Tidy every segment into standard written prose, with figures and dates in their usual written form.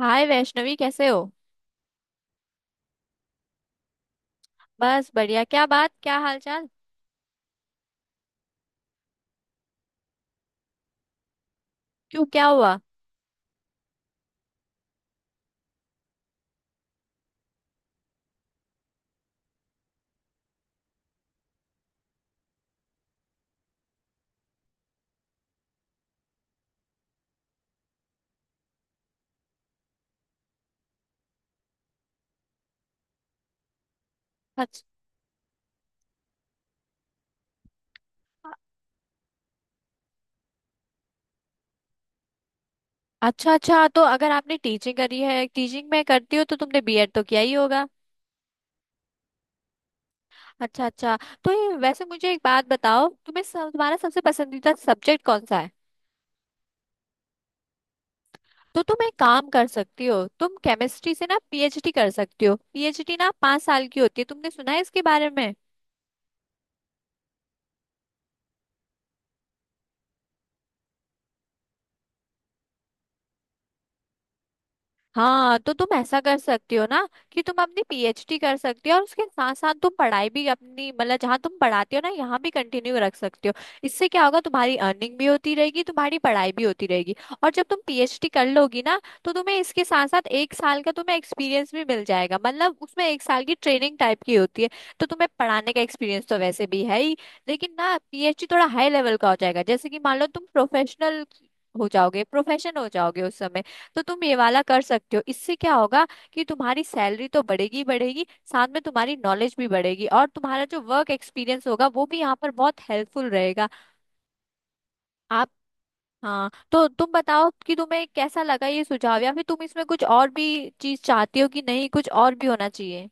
हाय वैष्णवी, कैसे हो। बस बढ़िया, क्या बात क्या हाल चाल। क्यों, क्या हुआ। अच्छा। अच्छा अच्छा, तो अगर आपने टीचिंग करी है, टीचिंग में करती हो, तो तुमने बीएड तो किया ही होगा। अच्छा अच्छा। तो ये वैसे मुझे एक बात बताओ, तुम्हारा सबसे पसंदीदा सब्जेक्ट कौन सा है। तो तुम एक काम कर सकती हो, तुम केमिस्ट्री से ना पीएचडी कर सकती हो। पीएचडी ना 5 साल की होती है, तुमने सुना है इसके बारे में। हाँ, तो तुम ऐसा कर सकती हो ना कि तुम अपनी पीएचडी कर सकती हो, और उसके साथ साथ तुम पढ़ाई भी अपनी, मतलब जहाँ तुम पढ़ाती हो ना, यहाँ भी कंटिन्यू रख सकती हो। इससे क्या होगा, तुम्हारी अर्निंग भी होती रहेगी, तुम्हारी पढ़ाई भी होती रहेगी। और जब तुम पीएचडी कर लोगी ना, तो तुम्हें इसके साथ साथ एक साल का तुम्हें एक्सपीरियंस भी मिल जाएगा, मतलब उसमें एक साल की ट्रेनिंग टाइप की होती है। तो तुम्हें पढ़ाने का एक्सपीरियंस तो वैसे भी है ही। लेकिन ना पीएचडी थोड़ा हाई लेवल का हो जाएगा, जैसे कि मान लो तुम प्रोफेशनल हो जाओगे, प्रोफेशन हो जाओगे उस समय। तो तुम ये वाला कर सकते हो। इससे क्या होगा कि तुम्हारी सैलरी तो बढ़ेगी ही बढ़ेगी, साथ में तुम्हारी नॉलेज भी बढ़ेगी, और तुम्हारा जो वर्क एक्सपीरियंस होगा वो भी यहाँ पर बहुत हेल्पफुल रहेगा। आप। हाँ, तो तुम बताओ कि तुम्हें कैसा लगा ये सुझाव, या फिर तुम इसमें कुछ और भी चीज चाहती हो कि नहीं, कुछ और भी होना चाहिए।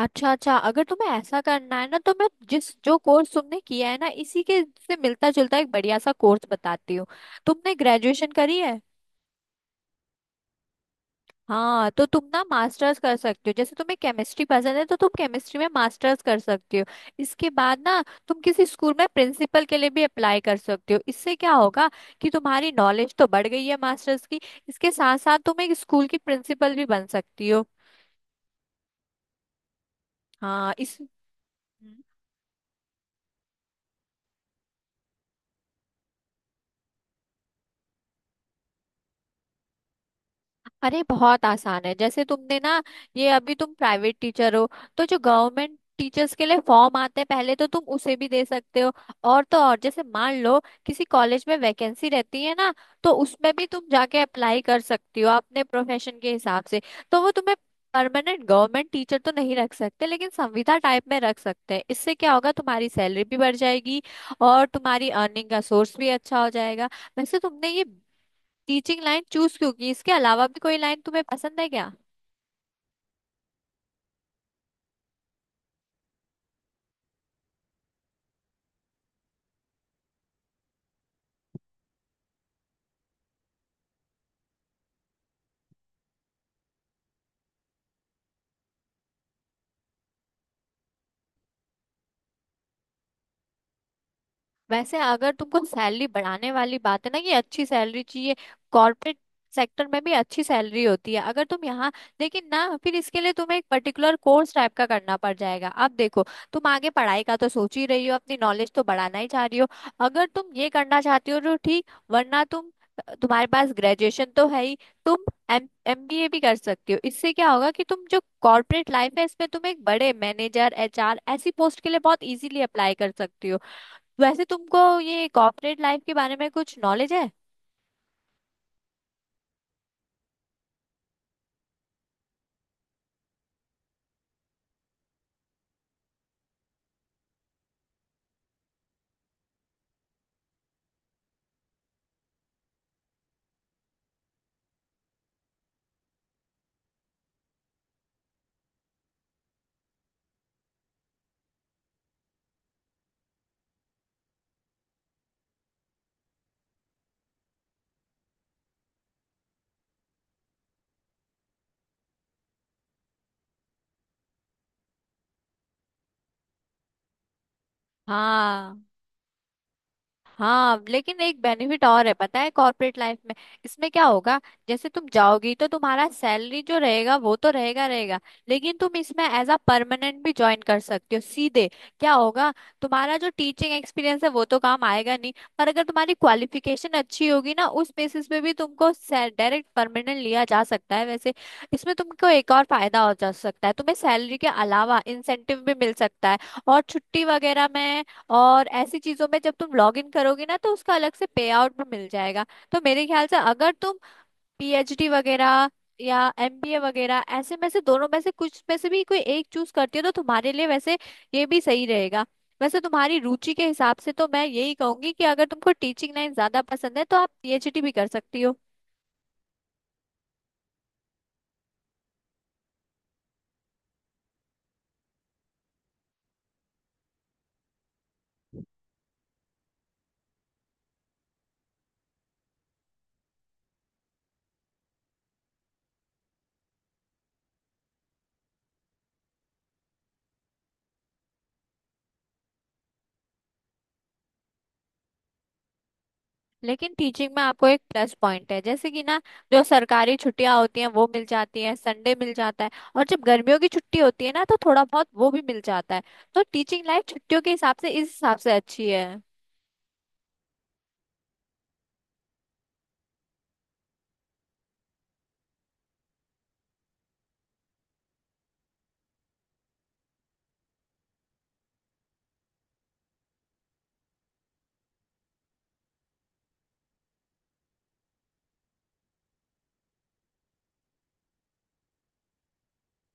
अच्छा अच्छा, अगर तुम्हें ऐसा करना है ना, तो मैं जिस जो कोर्स तुमने किया है ना, इसी के से मिलता जुलता एक बढ़िया सा कोर्स बताती हूँ। तुमने ग्रेजुएशन करी है। हाँ, तो तुम ना मास्टर्स कर सकते हो, जैसे तुम्हें केमिस्ट्री पसंद है तो तुम केमिस्ट्री में मास्टर्स कर सकते हो। इसके बाद ना तुम किसी स्कूल में प्रिंसिपल के लिए भी अप्लाई कर सकते हो। इससे क्या होगा कि तुम्हारी नॉलेज तो बढ़ गई है मास्टर्स की, इसके साथ साथ तुम एक स्कूल की प्रिंसिपल भी बन सकती हो। हाँ। इस। हम्म। अरे बहुत आसान है। जैसे तुमने ना, ये अभी तुम प्राइवेट टीचर हो, तो जो गवर्नमेंट टीचर्स के लिए फॉर्म आते हैं पहले, तो तुम उसे भी दे सकते हो। और तो और, जैसे मान लो किसी कॉलेज में वैकेंसी रहती है ना, तो उसमें भी तुम जाके अप्लाई कर सकती हो अपने प्रोफेशन के हिसाब से। तो वो तुम्हें परमानेंट गवर्नमेंट टीचर तो नहीं रख सकते, लेकिन संविदा टाइप में रख सकते हैं। इससे क्या होगा, तुम्हारी सैलरी भी बढ़ जाएगी और तुम्हारी अर्निंग का सोर्स भी अच्छा हो जाएगा। वैसे तुमने ये टीचिंग लाइन चूज क्यों की, इसके अलावा भी कोई लाइन तुम्हें पसंद है क्या। वैसे अगर तुमको सैलरी बढ़ाने वाली बात है ना, कि अच्छी सैलरी चाहिए, कॉर्पोरेट सेक्टर में भी अच्छी सैलरी होती है, अगर तुम यहाँ। लेकिन ना फिर इसके लिए तुम्हें एक पर्टिकुलर कोर्स टाइप का करना पड़ जाएगा। अब देखो, तुम आगे पढ़ाई का तो सोच ही रही हो, अपनी नॉलेज तो बढ़ाना ही चाह रही हो। अगर तुम ये करना चाहती हो तो ठीक, वरना तुम, तुम्हारे पास ग्रेजुएशन तो है ही। तुम एम एमबीए भी कर सकती हो। इससे क्या होगा कि तुम जो कॉर्पोरेट लाइफ है इसमें तुम एक बड़े मैनेजर, एचआर ऐसी पोस्ट के लिए बहुत इजीली अप्लाई कर सकती हो। वैसे तुमको ये कॉर्पोरेट लाइफ के बारे में कुछ नॉलेज है। हाँ। हाँ लेकिन एक बेनिफिट और है पता है, कॉर्पोरेट लाइफ में इसमें क्या होगा, जैसे तुम जाओगी तो तुम्हारा सैलरी जो रहेगा वो तो रहेगा रहेगा, लेकिन तुम इसमें एज अ परमानेंट भी ज्वाइन कर सकते हो सीधे। क्या होगा, तुम्हारा जो टीचिंग एक्सपीरियंस है वो तो काम आएगा नहीं, पर अगर तुम्हारी क्वालिफिकेशन अच्छी होगी ना, उस बेसिस पे भी तुमको डायरेक्ट परमानेंट लिया जा सकता है वैसे। इसमें तुमको एक और फायदा हो जा सकता है, तुम्हें सैलरी के अलावा इंसेंटिव भी मिल सकता है, और छुट्टी वगैरह में और ऐसी चीजों में जब तुम लॉग इन करोगे ना, तो उसका अलग से पे आउट भी मिल जाएगा। तो मेरे ख्याल से अगर तुम पीएचडी वगैरह या एमबीए वगैरह, ऐसे में से दोनों में से कुछ में से भी कोई एक चूज करती हो, तो तुम्हारे लिए वैसे ये भी सही रहेगा। वैसे तुम्हारी रुचि के हिसाब से तो मैं यही कहूंगी कि अगर तुमको टीचिंग लाइन ज्यादा पसंद है तो आप पीएचडी भी कर सकती हो। लेकिन टीचिंग में आपको एक प्लस पॉइंट है, जैसे कि ना, जो सरकारी छुट्टियां होती हैं वो मिल जाती हैं, संडे मिल जाता है, और जब गर्मियों की छुट्टी होती है ना, तो थोड़ा बहुत वो भी मिल जाता है। तो टीचिंग लाइफ छुट्टियों के हिसाब से, इस हिसाब से अच्छी है।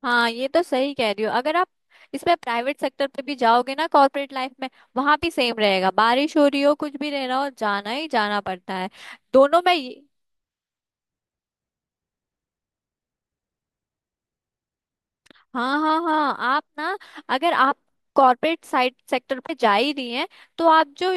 हाँ, ये तो सही कह रही हो। अगर आप इसमें प्राइवेट सेक्टर पे भी जाओगे ना, कॉर्पोरेट लाइफ में, वहां भी सेम रहेगा, बारिश हो रही हो कुछ भी रह रहा हो जाना ही जाना पड़ता है। दोनों में हाँ हाँ हाँ, आप ना, अगर आप कॉर्पोरेट साइट सेक्टर पे जा ही रही हैं, तो आप जो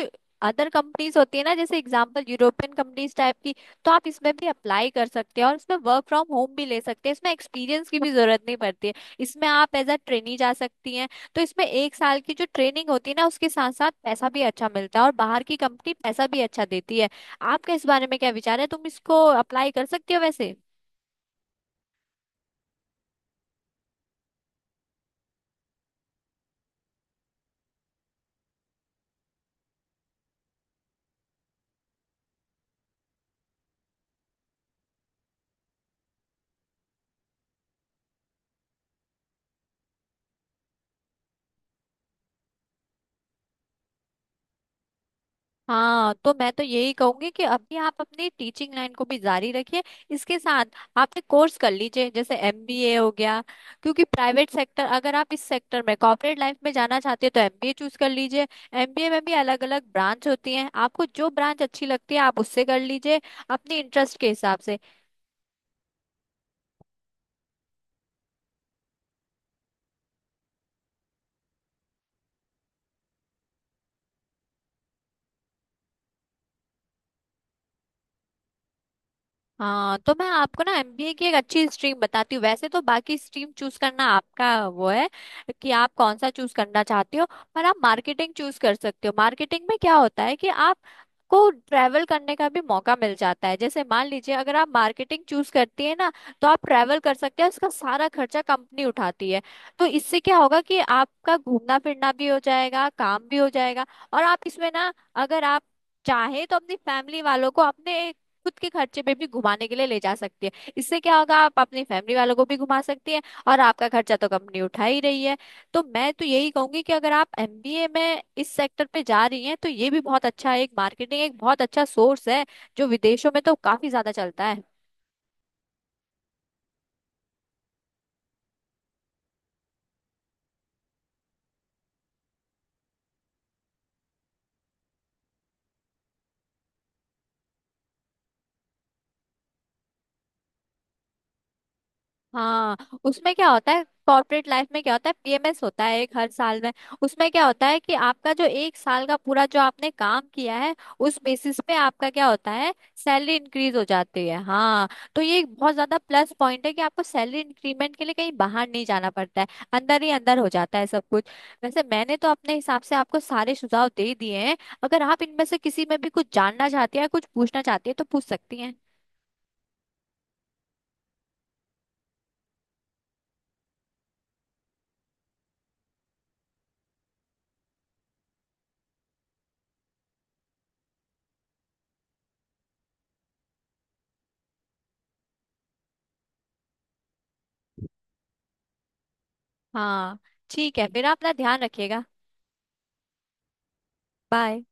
अदर कंपनीज होती है ना, जैसे एग्जांपल यूरोपियन कंपनीज टाइप की, तो आप इसमें भी अप्लाई कर सकते हैं और इसमें वर्क फ्रॉम होम भी ले सकते हैं। इसमें एक्सपीरियंस की भी जरूरत नहीं पड़ती है, इसमें आप एज अ ट्रेनी जा सकती हैं। तो इसमें एक साल की जो ट्रेनिंग होती है ना, उसके साथ साथ पैसा भी अच्छा मिलता है, और बाहर की कंपनी पैसा भी अच्छा देती है। आपका इस बारे में क्या विचार है, तुम इसको अप्लाई कर सकती हो वैसे। हाँ, तो मैं तो यही कहूंगी कि अभी आप अपनी टीचिंग लाइन को भी जारी रखिए, इसके साथ आप एक कोर्स कर लीजिए, जैसे एमबीए हो गया, क्योंकि प्राइवेट सेक्टर, अगर आप इस सेक्टर में कॉर्पोरेट लाइफ में जाना चाहते हैं, तो एमबीए चूज कर लीजिए। एमबीए में भी अलग अलग ब्रांच होती हैं, आपको जो ब्रांच अच्छी लगती है आप उससे कर लीजिए, अपने इंटरेस्ट के हिसाब से। हाँ तो मैं आपको ना एमबीए की एक अच्छी स्ट्रीम बताती हूँ। वैसे तो बाकी स्ट्रीम चूज करना आपका वो है कि आप कौन सा चूज करना चाहते हो, पर आप मार्केटिंग चूज कर सकते हो। मार्केटिंग में क्या होता है कि आप को ट्रैवल करने का भी मौका मिल जाता है। जैसे मान लीजिए, अगर आप मार्केटिंग चूज करती है ना, तो आप ट्रैवल कर सकते हैं, उसका सारा खर्चा कंपनी उठाती है। तो इससे क्या होगा कि आपका घूमना फिरना भी हो जाएगा, काम भी हो जाएगा। और आप इसमें ना, अगर आप चाहे तो अपनी फैमिली वालों को अपने खुद के खर्चे पे भी घुमाने के लिए ले जा सकती है। इससे क्या होगा, आप अपनी फैमिली वालों को भी घुमा सकती हैं, और आपका खर्चा तो कंपनी उठा ही रही है। तो मैं तो यही कहूंगी कि अगर आप एमबीए में इस सेक्टर पे जा रही हैं, तो ये भी बहुत अच्छा, एक मार्केटिंग एक बहुत अच्छा सोर्स है, जो विदेशों में तो काफी ज्यादा चलता है। हाँ। उसमें क्या होता है, कॉर्पोरेट लाइफ में क्या होता है, पीएमएस होता है एक हर साल में। उसमें क्या होता है कि आपका जो एक साल का पूरा जो आपने काम किया है, उस बेसिस पे आपका क्या होता है, सैलरी इंक्रीज हो जाती है, हाँ। तो ये एक बहुत ज्यादा प्लस पॉइंट है कि आपको सैलरी इंक्रीमेंट के लिए कहीं बाहर नहीं जाना पड़ता है, अंदर ही अंदर हो जाता है सब कुछ। वैसे मैंने तो अपने हिसाब से आपको सारे सुझाव दे दिए हैं, अगर आप इनमें से किसी में भी कुछ जानना चाहती हैं, कुछ पूछना चाहती हैं तो पूछ सकती हैं। हाँ, ठीक है, फिर अपना ध्यान रखिएगा। बाय।